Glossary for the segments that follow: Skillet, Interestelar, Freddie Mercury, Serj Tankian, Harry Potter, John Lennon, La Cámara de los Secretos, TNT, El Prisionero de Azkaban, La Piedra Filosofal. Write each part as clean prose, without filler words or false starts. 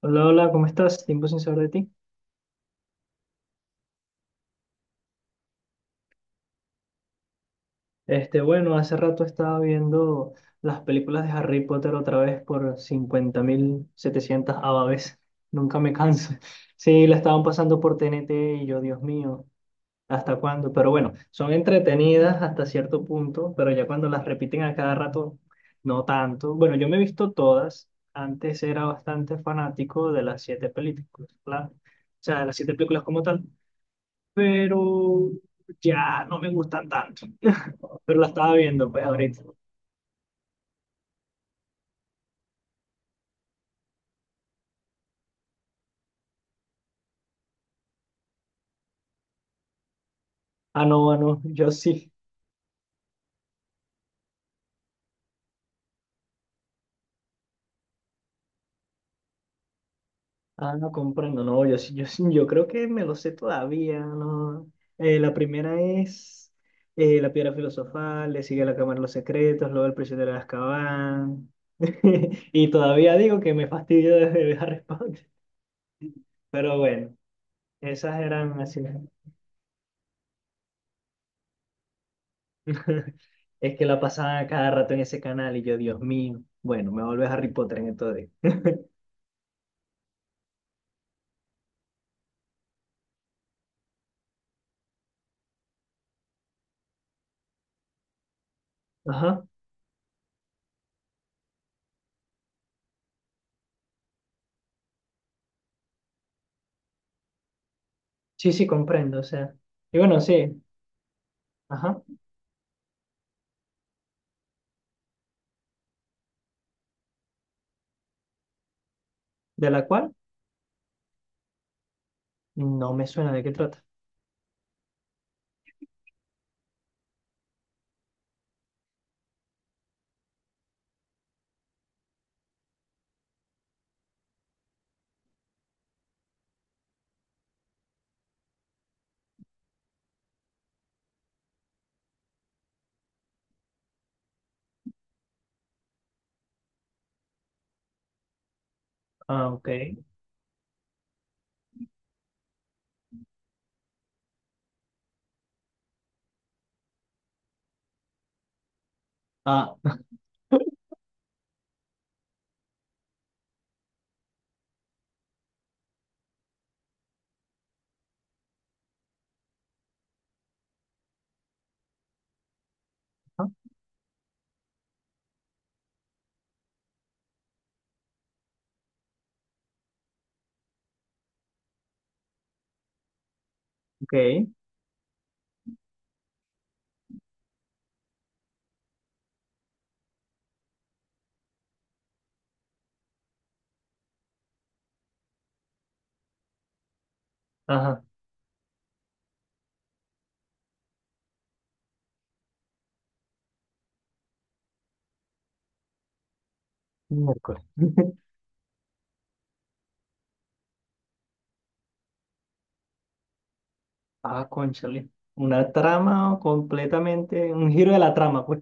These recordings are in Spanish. Hola, hola, ¿cómo estás? Tiempo sin saber de ti. Bueno, hace rato estaba viendo las películas de Harry Potter otra vez por 50.700 vez. Nunca me canso. Sí, la estaban pasando por T N T y yo, Dios mío, ¿hasta cuándo? Pero bueno, son entretenidas hasta cierto punto, pero ya cuando las repiten a cada rato, no tanto. Bueno, yo me he visto todas. Antes era bastante fanático de las siete películas, claro. O sea, de las siete películas como tal, pero ya no me gustan tanto. Pero la estaba viendo, pues ahorita. Ah, no, ah, no, yo sí. Ah, no comprendo, no, yo sí, yo sí, yo creo que me lo sé todavía, ¿no? La primera es La Piedra Filosofal, le sigue La Cámara de los Secretos, luego El Prisionero de Azkaban. Y todavía digo que me fastidio desde Harry Potter. Pero bueno, esas eran así. Es que la pasaban a cada rato en ese canal y yo, Dios mío, bueno, me vuelve Harry Potter en esto. Ajá. Sí, sí, comprendo, o sea. Y bueno, sí. Ajá. ¿De la cual? No me suena de qué trata. Ah, ok. Ah, ajá, ok. Ajá. Miércoles. Ah, cónchale. Una trama completamente, un giro de la trama, pues.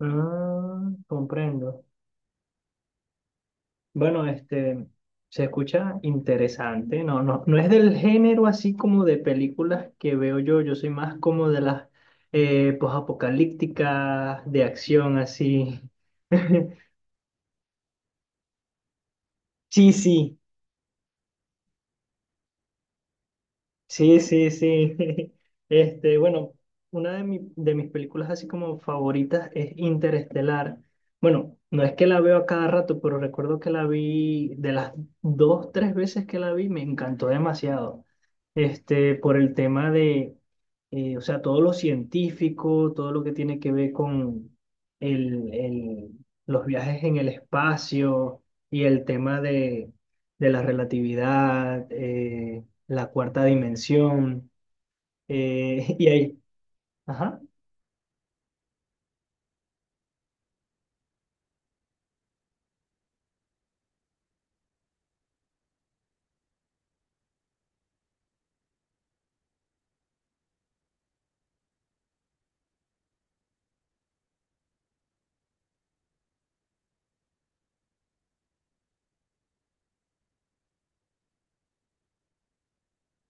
Ah, comprendo. Bueno, se escucha interesante. No, no, no es del género así como de películas que veo yo. Yo soy más como de las posapocalípticas, de acción así. Sí, sí, sí, sí, sí. Bueno, una de, de mis películas así como favoritas es Interestelar. Bueno, no es que la veo a cada rato, pero recuerdo que la vi de las dos, tres veces que la vi, me encantó demasiado. Por el tema de, o sea, todo lo científico, todo lo que tiene que ver con el, el- los viajes en el espacio y el tema de la relatividad, la cuarta dimensión, y ahí, ajá,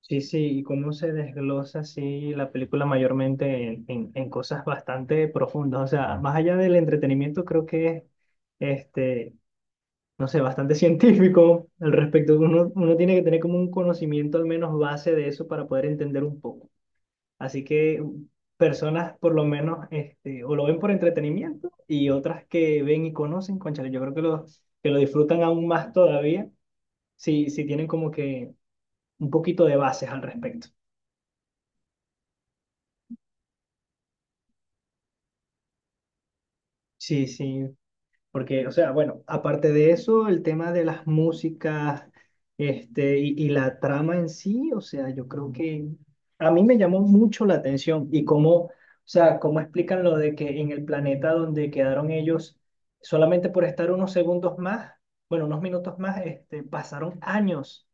sí, sí, y cómo se desglosa así la película mayormente en cosas bastante profundas, o sea, más allá del entretenimiento, creo que es, este, no sé, bastante científico al respecto, uno tiene que tener como un conocimiento al menos base de eso para poder entender un poco, así que personas por lo menos, o lo ven por entretenimiento y otras que ven y conocen, cónchale, yo creo que los que lo disfrutan aún más todavía. Sí, sí, tienen como que un poquito de bases al respecto. Sí, sí, porque, o sea, bueno, aparte de eso, el tema de las músicas, y la trama en sí, o sea, yo creo que a mí me llamó mucho la atención y cómo, o sea, cómo explican lo de que en el planeta donde quedaron ellos, solamente por estar unos segundos más, bueno, unos minutos más, pasaron años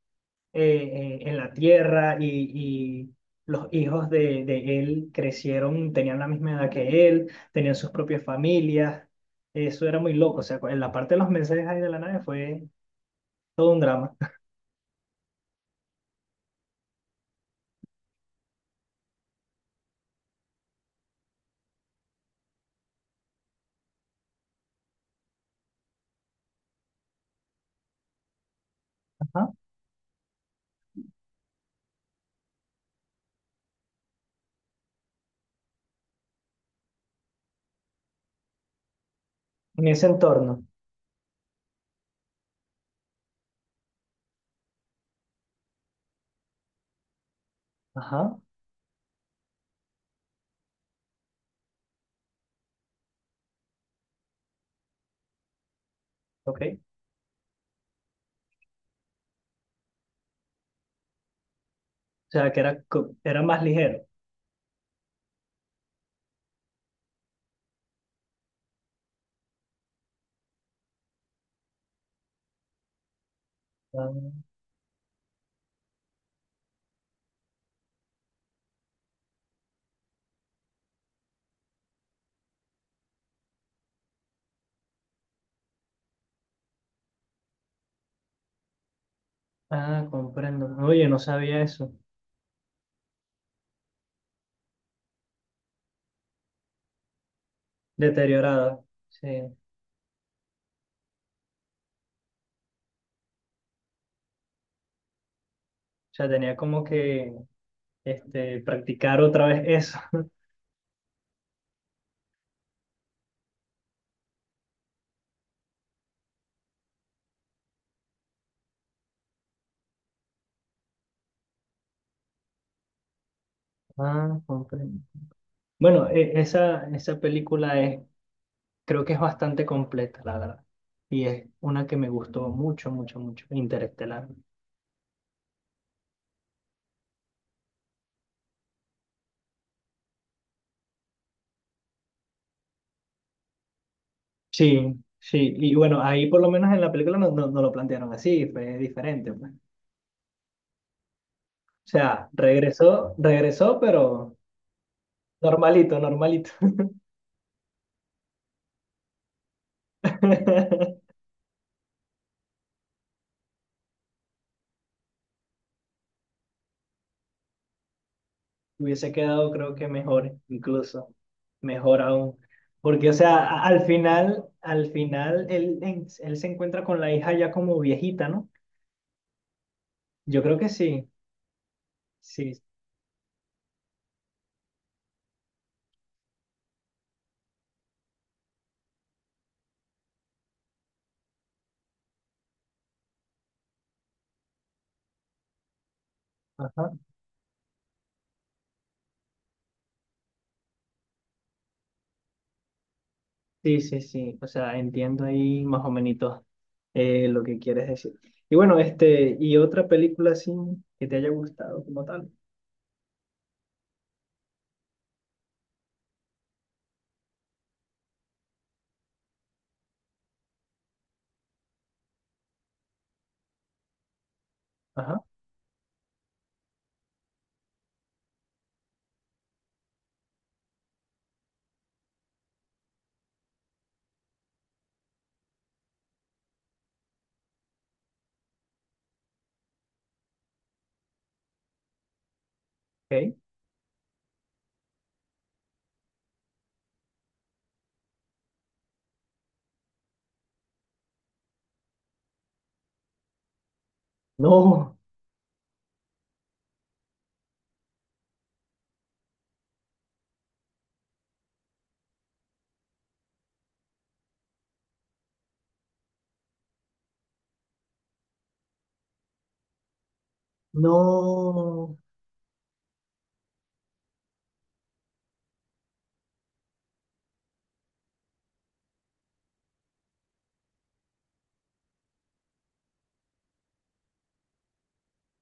en la tierra y los hijos de él crecieron, tenían la misma edad que él, tenían sus propias familias. Eso era muy loco. O sea, en la parte de los mensajes ahí de la nave fue todo un drama. Ajá. En ese entorno. Ajá. Ok. O sea, que era, era más ligero. Ah, ah, comprendo. Oye, no sabía eso. Deteriorada. Sí. O sea, tenía como que practicar otra vez eso. Ah, comprendo. Bueno, esa película es, creo que es bastante completa, la verdad. Y es una que me gustó mucho, mucho, mucho, Interestelar. Sí, sí. Y bueno, ahí por lo menos en la película no, no, no lo plantearon así, fue diferente, pues. O sea, regresó, pero normalito, normalito. Hubiese quedado, creo que mejor, incluso, mejor aún. Porque, o sea, al final, él, él se encuentra con la hija ya como viejita, ¿no? Yo creo que sí. Sí, ajá. Sí, sí, sí. O sea, entiendo ahí más o menos lo que quieres decir. Y bueno, y otra película así que te haya gustado como tal. Ajá, ok. No, no.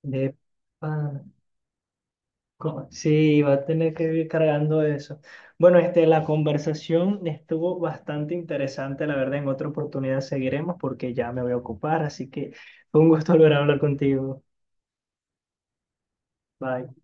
De pa- ¿cómo? Sí, va a tener que ir cargando eso. Bueno, la conversación estuvo bastante interesante, la verdad. En otra oportunidad seguiremos porque ya me voy a ocupar, así que fue un gusto volver a hablar contigo. Bye.